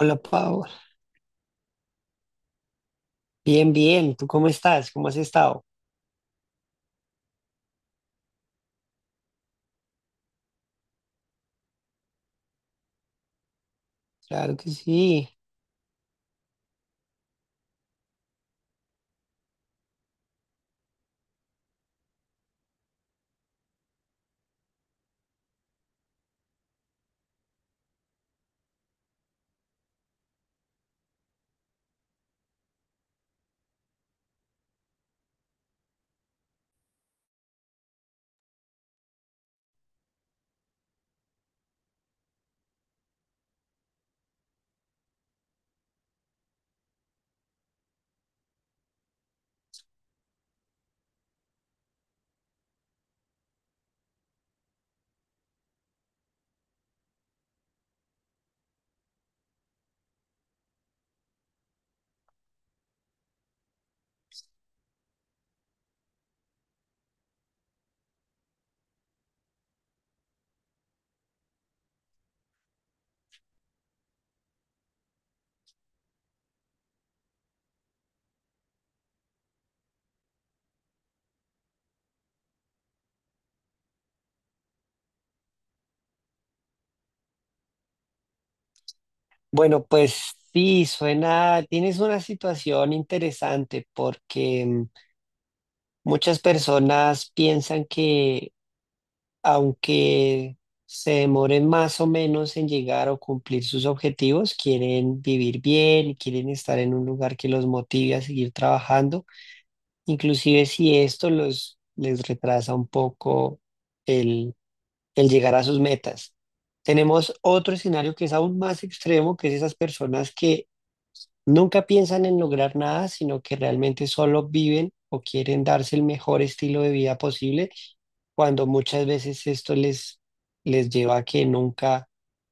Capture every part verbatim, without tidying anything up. Hola, Pau. Bien, bien. ¿Tú cómo estás? ¿Cómo has estado? Claro que sí. Bueno, pues sí, suena, tienes una situación interesante porque mm, muchas personas piensan que aunque se demoren más o menos en llegar o cumplir sus objetivos, quieren vivir bien y quieren estar en un lugar que los motive a seguir trabajando, inclusive si esto los, les retrasa un poco el llegar a sus metas. Tenemos otro escenario que es aún más extremo, que es esas personas que nunca piensan en lograr nada, sino que realmente solo viven o quieren darse el mejor estilo de vida posible, cuando muchas veces esto les, les lleva a que nunca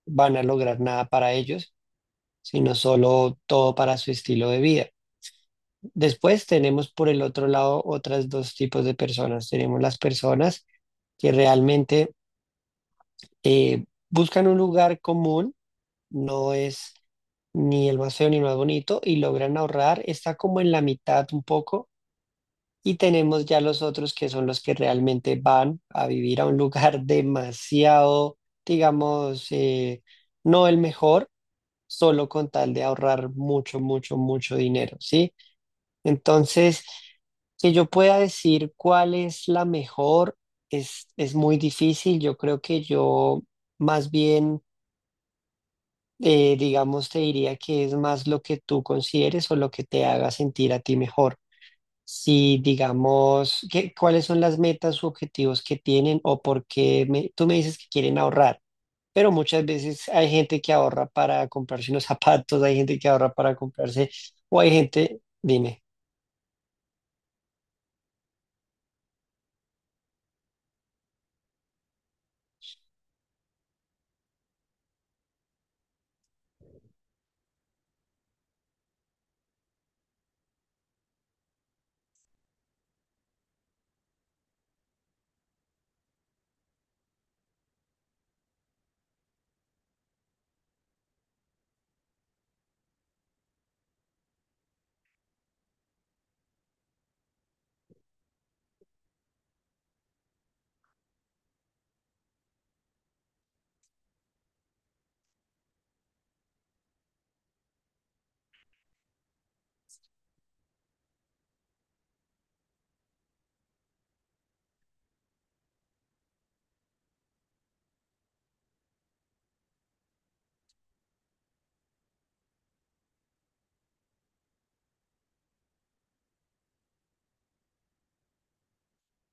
van a lograr nada para ellos, sino solo todo para su estilo de vida. Después tenemos por el otro lado otras dos tipos de personas. Tenemos las personas que realmente eh, buscan un lugar común, no es ni el más feo ni el más bonito y logran ahorrar, está como en la mitad un poco, y tenemos ya los otros que son los que realmente van a vivir a un lugar demasiado, digamos, eh, no el mejor, solo con tal de ahorrar mucho, mucho, mucho dinero, ¿sí? Entonces, que yo pueda decir cuál es la mejor es, es muy difícil. Yo creo que yo más bien, eh, digamos, te diría que es más lo que tú consideres o lo que te haga sentir a ti mejor. Si, digamos, qué cuáles son las metas u objetivos que tienen o por qué me- tú me dices que quieren ahorrar, pero muchas veces hay gente que ahorra para comprarse unos zapatos, hay gente que ahorra para comprarse, o hay gente, dime,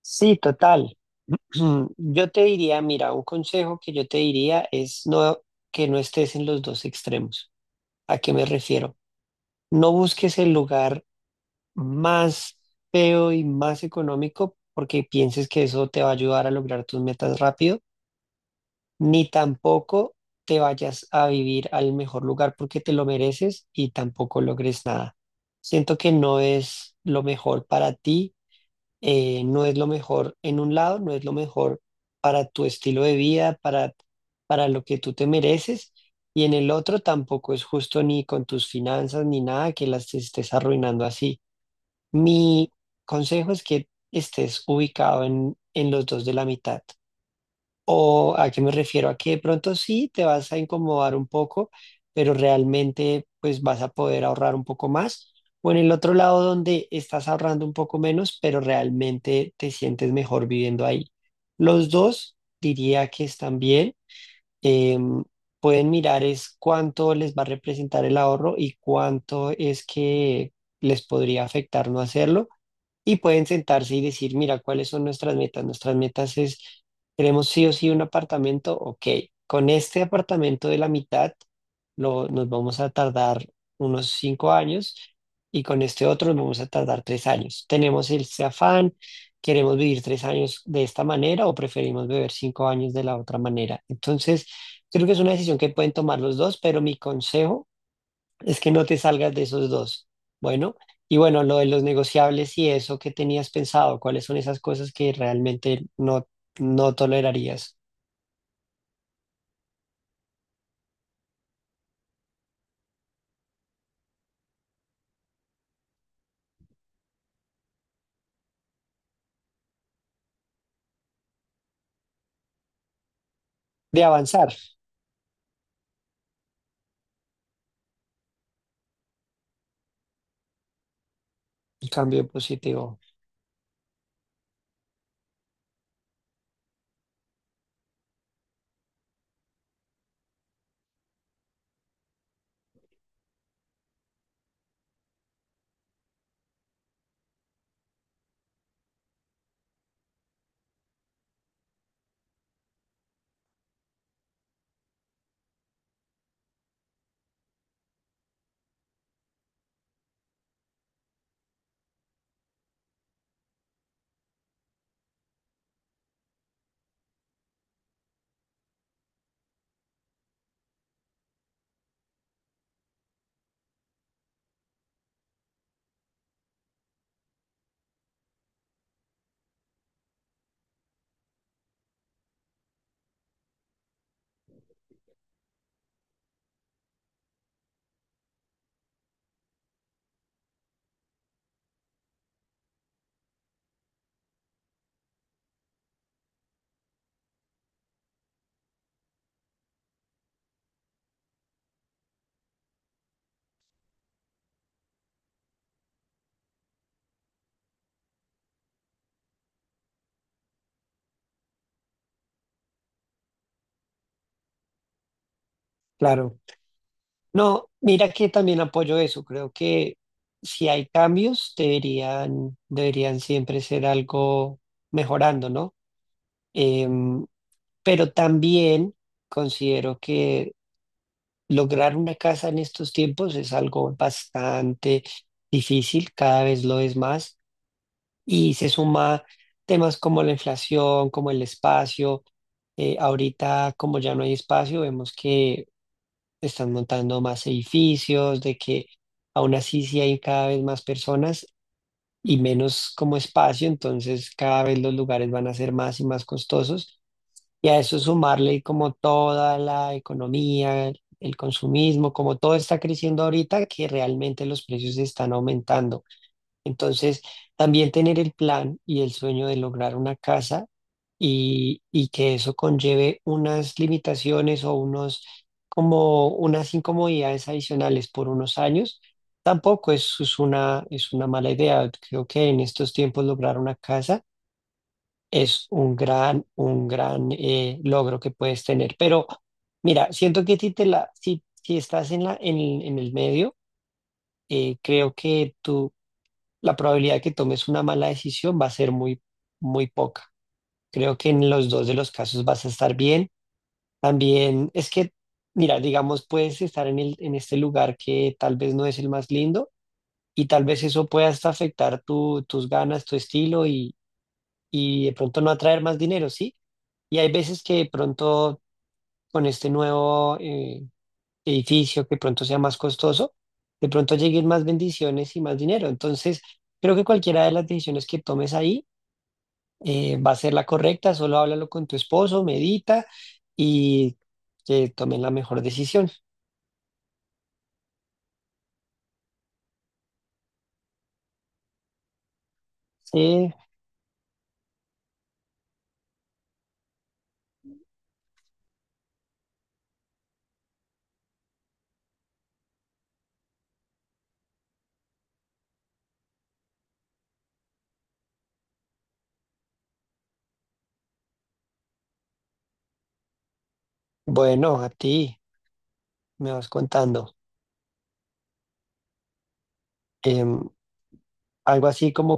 sí, total. Yo te diría, mira, un consejo que yo te diría es no, que no estés en los dos extremos. ¿A qué me refiero? No busques el lugar más feo y más económico porque pienses que eso te va a ayudar a lograr tus metas rápido, ni tampoco te vayas a vivir al mejor lugar porque te lo mereces y tampoco logres nada. Siento que no es lo mejor para ti, eh, no es lo mejor en un lado, no es lo mejor para tu estilo de vida, para, para lo que tú te mereces. Y en el otro tampoco es justo ni con tus finanzas ni nada que las estés arruinando así. Mi consejo es que estés ubicado en, en los dos de la mitad. ¿O a qué me refiero? A que de pronto sí te vas a incomodar un poco, pero realmente pues vas a poder ahorrar un poco más. O en el otro lado donde estás ahorrando un poco menos, pero realmente te sientes mejor viviendo ahí. Los dos diría que están bien. Em, pueden mirar es cuánto les va a representar el ahorro y cuánto es que les podría afectar no hacerlo, y pueden sentarse y decir, mira, ¿cuáles son nuestras metas? Nuestras metas es, queremos sí o sí un apartamento. Ok, con este apartamento de la mitad lo, nos vamos a tardar unos cinco años, y con este otro nos vamos a tardar tres años. Tenemos este afán, queremos vivir tres años de esta manera o preferimos vivir cinco años de la otra manera. Entonces, creo que es una decisión que pueden tomar los dos, pero mi consejo es que no te salgas de esos dos. Bueno, y bueno, lo de los negociables y eso que tenías pensado, ¿cuáles son esas cosas que realmente no, no tolerarías? De avanzar, el cambio positivo, claro. No, mira que también apoyo eso. Creo que si hay cambios, deberían, deberían siempre ser algo mejorando, ¿no? Em, pero también considero que lograr una casa en estos tiempos es algo bastante difícil, cada vez lo es más, y se suma temas como la inflación, como el espacio. Eh, ahorita, como ya no hay espacio, vemos que están montando más edificios, de que aún así sí hay cada vez más personas y menos como espacio, entonces cada vez los lugares van a ser más y más costosos. Y a eso sumarle como toda la economía, el consumismo, como todo está creciendo ahorita, que realmente los precios están aumentando. Entonces, también tener el plan y el sueño de lograr una casa y, y que eso conlleve unas limitaciones o unos, como unas incomodidades adicionales por unos años, tampoco es, es una, es una mala idea. Creo que en estos tiempos lograr una casa es un gran, un gran eh, logro que puedes tener. Pero mira, siento que si, te la, si, si estás en, la, en, el en el medio, eh, creo que tú, la probabilidad de que tomes una mala decisión va a ser muy, muy poca. Creo que en los dos de los casos vas a estar bien. También es que, mira, digamos, puedes estar en, el, en este lugar que tal vez no es el más lindo. Y tal vez eso pueda hasta afectar tu, tus ganas, tu estilo, y de pronto no atraer más dinero, ¿sí? Y hay veces que de pronto con este nuevo eh, edificio que pronto sea más costoso, de pronto lleguen más bendiciones y más dinero. Entonces, creo que cualquiera de las decisiones que tomes ahí eh, va a ser la correcta. Solo háblalo con tu esposo, medita y que tomen la mejor decisión. Sí, bueno, a ti me vas contando. Em, algo así como cuando